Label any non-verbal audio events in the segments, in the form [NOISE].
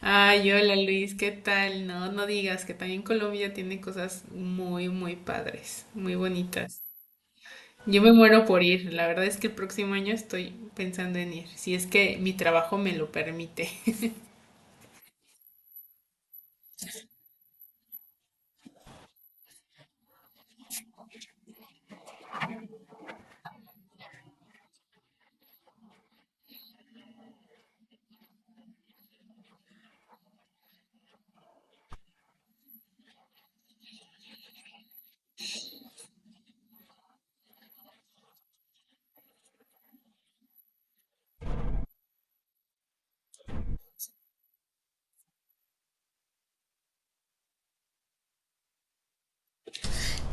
Ay, hola Luis, ¿qué tal? No, no digas que también Colombia tiene cosas muy, muy padres, muy bonitas. Yo me muero por ir, la verdad es que el próximo año estoy pensando en ir, si es que mi trabajo me lo permite. [LAUGHS]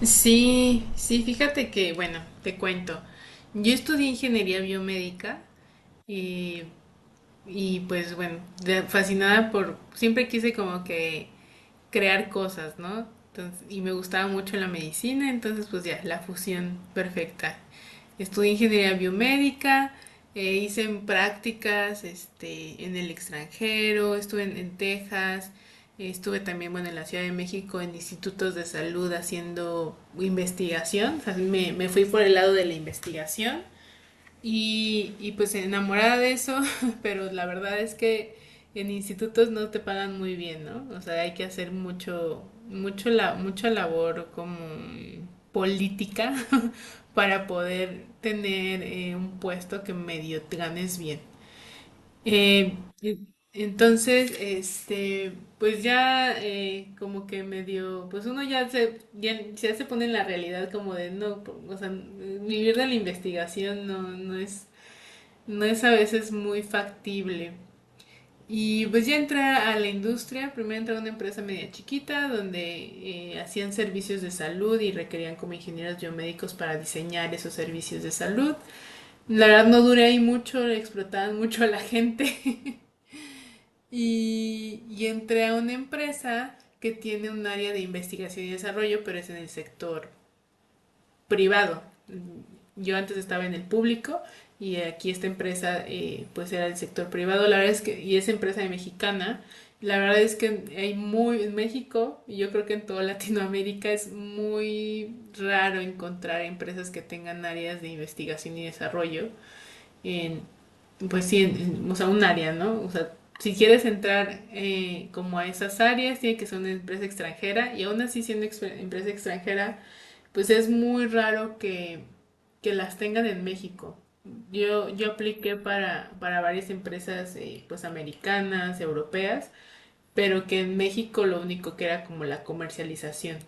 Sí, sí, fíjate que, bueno, te cuento. Yo estudié ingeniería biomédica y, y pues bueno, fascinada por, siempre quise como que crear cosas, ¿no? Entonces, y me gustaba mucho la medicina, entonces pues ya, la fusión perfecta. Estudié ingeniería biomédica, hice prácticas este, en el extranjero, estuve en Texas, estuve también bueno, en la Ciudad de México en institutos de salud haciendo investigación, o sea, me fui por el lado de la investigación y pues enamorada de eso, [LAUGHS] pero la verdad es que en institutos no te pagan muy bien, ¿no? O sea, hay que hacer mucho, mucha labor como política [LAUGHS] para poder tener un puesto que medio te ganes bien. Eh, en- entonces, este, pues ya como que medio, pues uno ya se pone en la realidad como de no, o sea, vivir de la investigación no, no es a veces muy factible. Y pues ya entré a la industria, primero entré a una empresa media chiquita donde hacían servicios de salud y requerían como ingenieros biomédicos para diseñar esos servicios de salud. La verdad no duré ahí mucho, explotaban [LAUGHS] mucho a la gente. [LAUGHS] Y entré a una empresa que tiene un área de investigación y desarrollo, pero es en el sector privado. Yo antes estaba en el público y aquí esta empresa pues era el sector privado. La verdad es que, y es empresa mexicana, la verdad es que en México y yo creo que en toda Latinoamérica es muy raro encontrar empresas que tengan áreas de investigación y desarrollo en, pues sí, en, o sea, un área, ¿no? O sea, si quieres entrar como a esas áreas, tiene que ser una empresa extranjera y aún así siendo empresa extranjera pues es muy raro que, las tengan en México. Yo apliqué para varias empresas pues americanas, europeas, pero que en México lo único que era como la comercialización.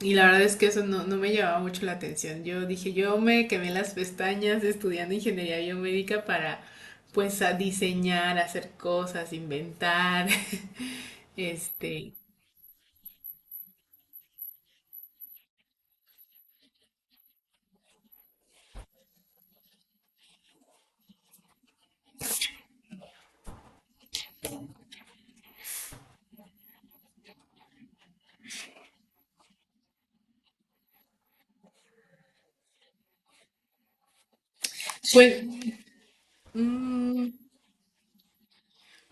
Y la verdad es que eso no, no me llamaba mucho la atención. Yo dije, yo me quemé las pestañas estudiando ingeniería biomédica para pues a diseñar, hacer cosas, inventar, [LAUGHS] este, pues, mm.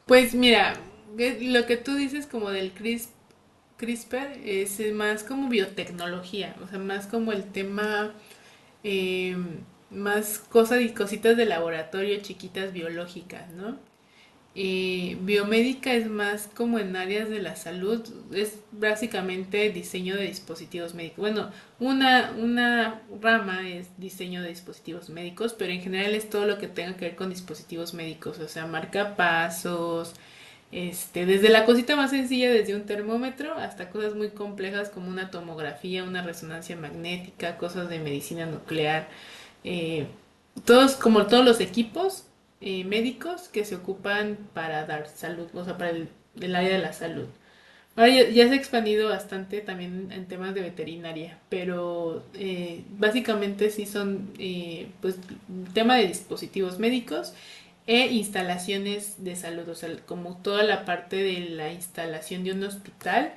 Pues mira, lo que tú dices como del CRISPR es más como biotecnología, o sea, más como el tema, eh, más cosas y cositas de laboratorio chiquitas biológicas, ¿no? Biomédica es más como en áreas de la salud, es básicamente diseño de dispositivos médicos. Bueno, una rama es diseño de dispositivos médicos, pero en general es todo lo que tenga que ver con dispositivos médicos, o sea, marcapasos, este, desde la cosita más sencilla, desde un termómetro, hasta cosas muy complejas como una tomografía, una resonancia magnética, cosas de medicina nuclear, eh, como todos los equipos médicos que se ocupan para dar salud, o sea, para el área de la salud. Ahora ya se ha expandido bastante también en temas de veterinaria, pero básicamente sí son pues tema de dispositivos médicos e instalaciones de salud, o sea, como toda la parte de la instalación de un hospital,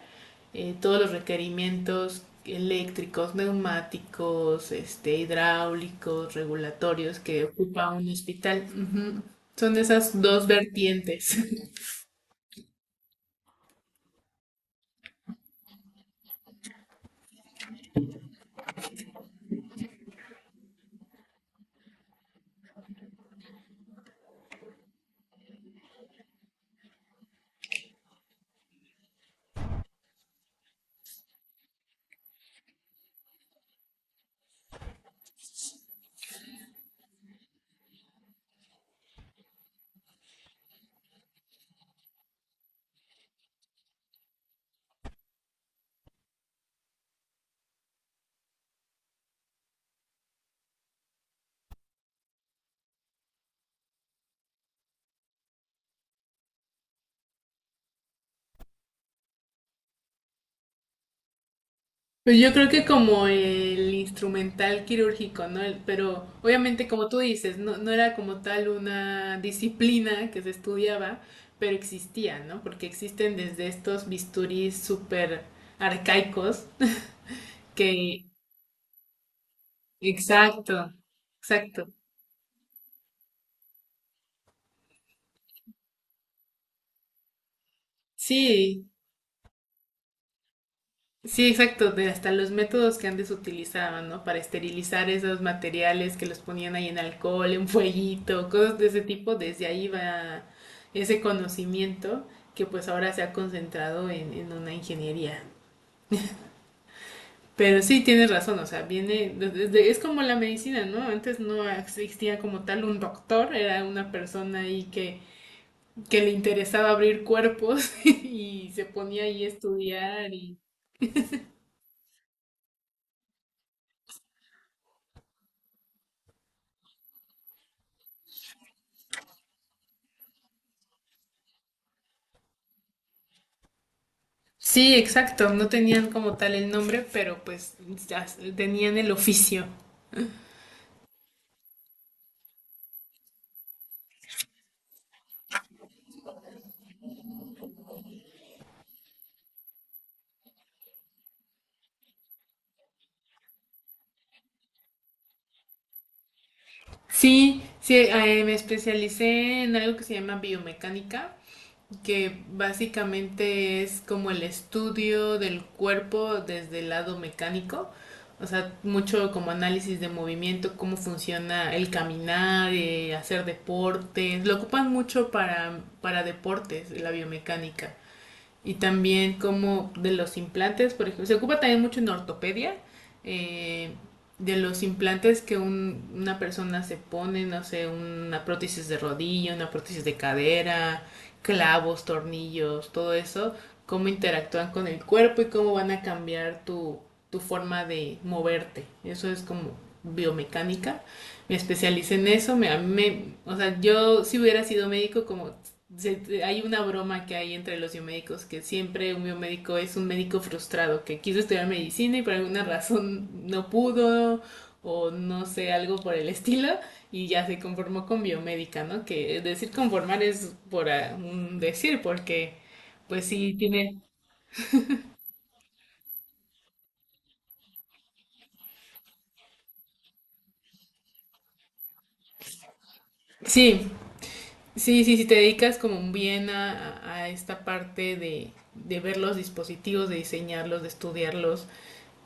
todos los requerimientos eléctricos, neumáticos, este, hidráulicos, regulatorios que ocupa un hospital. Ujú. Son esas dos vertientes. Pues yo creo que como el instrumental quirúrgico, ¿no? Pero obviamente como tú dices, no, no era como tal una disciplina que se estudiaba, pero existía, ¿no? Porque existen desde estos bisturís súper arcaicos que... Exacto, exacto. Sí, sí, exacto, de hasta los métodos que antes utilizaban, ¿no? Para esterilizar esos materiales que los ponían ahí en alcohol, en fueguito, cosas de ese tipo, desde ahí va ese conocimiento que pues ahora se ha concentrado en, una ingeniería. Pero sí, tienes razón, o sea, viene, es como la medicina, ¿no? Antes no existía como tal un doctor, era una persona ahí que le interesaba abrir cuerpos [LAUGHS] y se ponía ahí a estudiar y Sí, exacto, no tenían como tal el nombre, pero pues ya tenían el oficio. Sí, sí, me especialicé en algo que se llama biomecánica, que básicamente es como el estudio del cuerpo desde el lado mecánico, o sea, mucho como análisis de movimiento, cómo funciona el caminar, hacer deportes, lo ocupan mucho para, deportes, la biomecánica. Y también como de los implantes, por ejemplo, se ocupa también mucho en ortopedia, eh, de los implantes que una persona se pone, no sé, una prótesis de rodilla, una prótesis de cadera, clavos, tornillos, todo eso, cómo interactúan con el cuerpo y cómo van a cambiar tu forma de moverte. Eso es como biomecánica. Me especialicé en eso, o sea, yo si hubiera sido médico hay una broma que hay entre los biomédicos, que siempre un biomédico es un médico frustrado, que quiso estudiar medicina y por alguna razón no pudo, o no sé, algo por el estilo, y ya se conformó con biomédica, ¿no? Que decir conformar es por un decir, porque pues sí tiene... Sí, sí, sí, si te dedicas como bien a esta parte de ver los dispositivos, de diseñarlos, de estudiarlos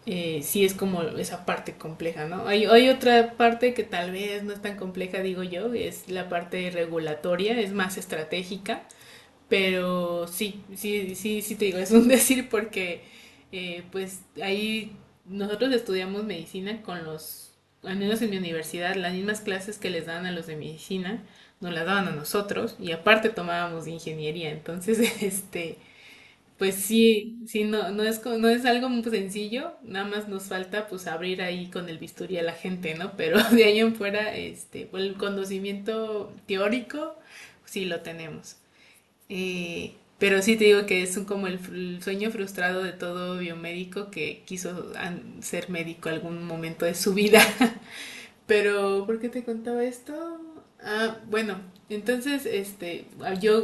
sí es como esa parte compleja, ¿no? Hay otra parte que tal vez no es tan compleja, digo yo, es la parte regulatoria, es más estratégica, pero sí, sí, sí, sí te digo, es un [LAUGHS] decir porque pues ahí nosotros estudiamos medicina al menos en mi universidad, las mismas clases que les dan a los de medicina, nos las daban a nosotros y aparte tomábamos de ingeniería, entonces [LAUGHS] este pues sí, sí, no, no es algo muy sencillo, nada más nos falta pues abrir ahí con el bisturí a la gente, ¿no? Pero [LAUGHS] de ahí en fuera, este, pues, el conocimiento teórico sí lo tenemos. Eh, pero sí te digo que es como el sueño frustrado de todo biomédico que quiso ser médico algún momento de su vida. Pero, ¿por qué te contaba esto? Ah, bueno, entonces, este, yo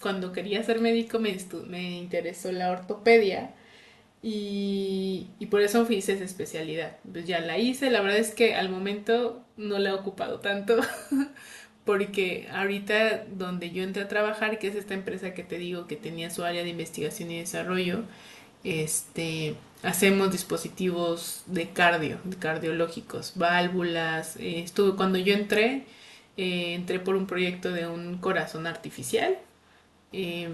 cuando quería ser médico me interesó la ortopedia y por eso hice esa especialidad. Pues ya la hice, la verdad es que al momento no la he ocupado tanto [LAUGHS] porque ahorita donde yo entré a trabajar, que es esta empresa que te digo que tenía su área de investigación y desarrollo, este, hacemos dispositivos de cardiológicos, válvulas. Estuve, cuando yo entré, entré por un proyecto de un corazón artificial eh,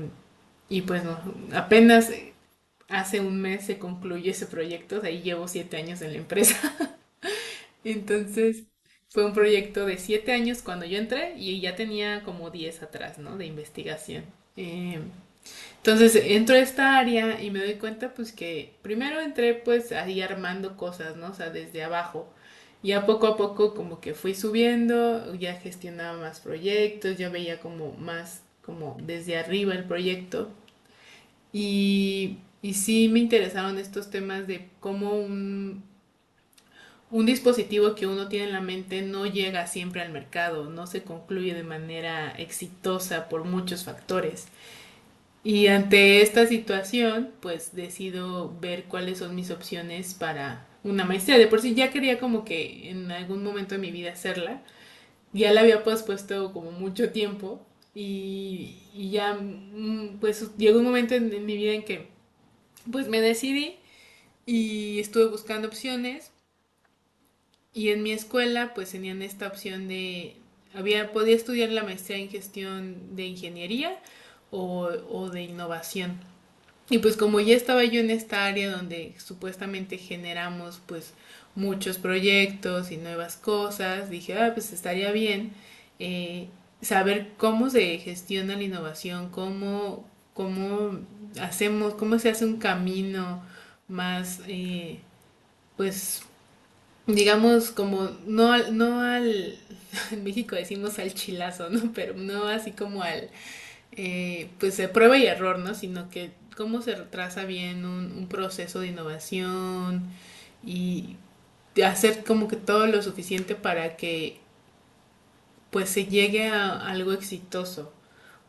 y pues no, apenas hace un mes se concluye ese proyecto, de ahí llevo 7 años en la empresa. [LAUGHS] Entonces fue un proyecto de 7 años cuando yo entré y ya tenía como 10 atrás, ¿no? De investigación. Eh, entonces entro a esta área y me doy cuenta pues que primero entré pues ahí armando cosas, ¿no? O sea, desde abajo. Ya poco a poco como que fui subiendo, ya gestionaba más proyectos, yo veía como más como desde arriba el proyecto. Y sí me interesaron estos temas de cómo un, dispositivo que uno tiene en la mente no llega siempre al mercado, no se concluye de manera exitosa por muchos factores. Y ante esta situación, pues decido ver cuáles son mis opciones para una maestría. De por sí ya quería como que en algún momento de mi vida hacerla. Ya la había pospuesto como mucho tiempo y ya pues llegó un momento en mi vida en que pues me decidí y estuve buscando opciones y en mi escuela pues tenían esta opción de había podía estudiar la maestría en gestión de ingeniería o de innovación y pues como ya estaba yo en esta área donde supuestamente generamos pues muchos proyectos y nuevas cosas, dije, ah, pues estaría bien eh, saber cómo se gestiona la innovación, cómo, hacemos, cómo se hace un camino más, pues digamos como no al, [LAUGHS] en México decimos al chilazo, ¿no? Pero no así como al pues de prueba y error, ¿no? Sino que cómo se retrasa bien un, proceso de innovación y de hacer como que todo lo suficiente para que pues se llegue a algo exitoso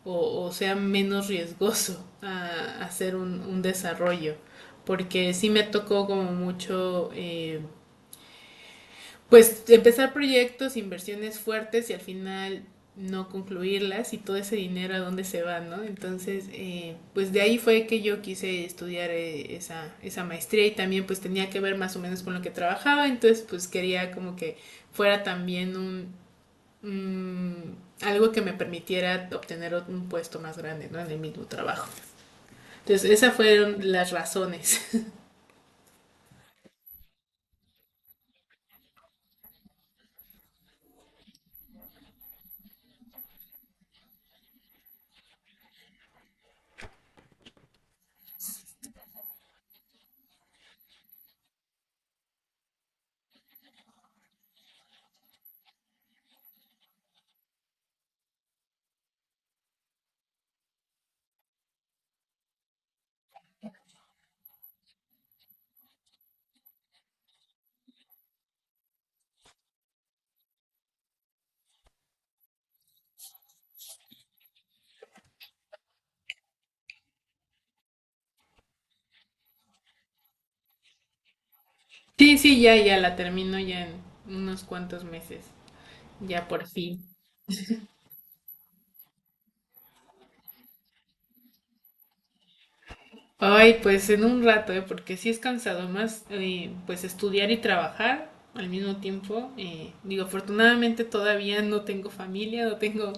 o sea menos riesgoso a, hacer un desarrollo. Porque sí me tocó como mucho pues empezar proyectos, inversiones fuertes y al final no concluirlas y todo ese dinero a dónde se va, ¿no? Entonces, pues de ahí fue que yo quise estudiar esa, maestría y también pues tenía que ver más o menos con lo que trabajaba, entonces pues quería como que fuera también un- algo que me permitiera obtener un puesto más grande, ¿no? En el mismo trabajo. Entonces, esas fueron las razones. [LAUGHS] Sí, sí, ya, ya la termino ya en unos cuantos meses, ya por fin. Ay, pues en un rato, ¿eh? Porque sí es cansado más, pues estudiar y trabajar al mismo tiempo. Digo, afortunadamente todavía no tengo familia, no tengo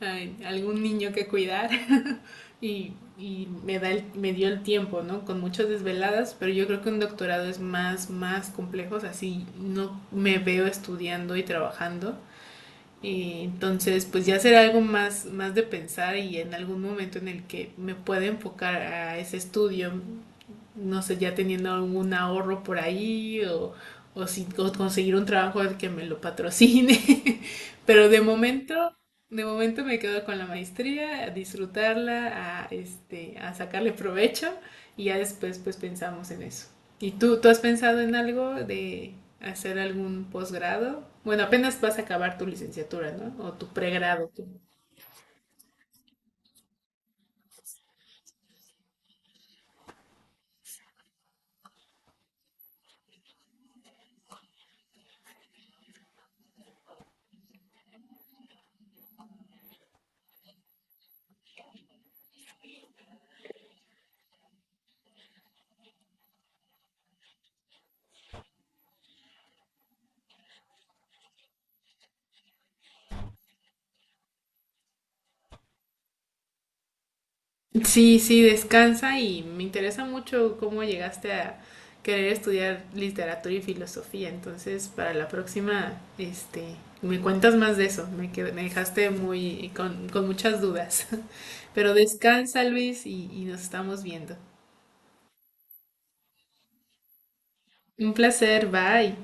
ay, algún niño que cuidar [LAUGHS] y me da me dio el tiempo, ¿no? Con muchas desveladas, pero yo creo que un doctorado es más, más complejo, o sea, sí, no me veo estudiando y trabajando entonces, pues ya será algo más, más de pensar y en algún momento en el que me pueda enfocar a ese estudio, no sé, ya teniendo algún ahorro por ahí o si, o conseguir un trabajo al que me lo patrocine. [LAUGHS] Pero de momento me quedo con la maestría, a disfrutarla, a sacarle provecho y ya después pues pensamos en eso. ¿Y tú, has pensado en algo de hacer algún posgrado? Bueno, apenas vas a acabar tu licenciatura, ¿no? O tu pregrado. Sí, sí, descansa y me interesa mucho cómo llegaste a querer estudiar literatura y filosofía. Entonces, para la próxima, este, me cuentas más de eso. Me dejaste muy con, muchas dudas. [LAUGHS] Pero descansa, Luis, y nos estamos viendo. Un placer, bye.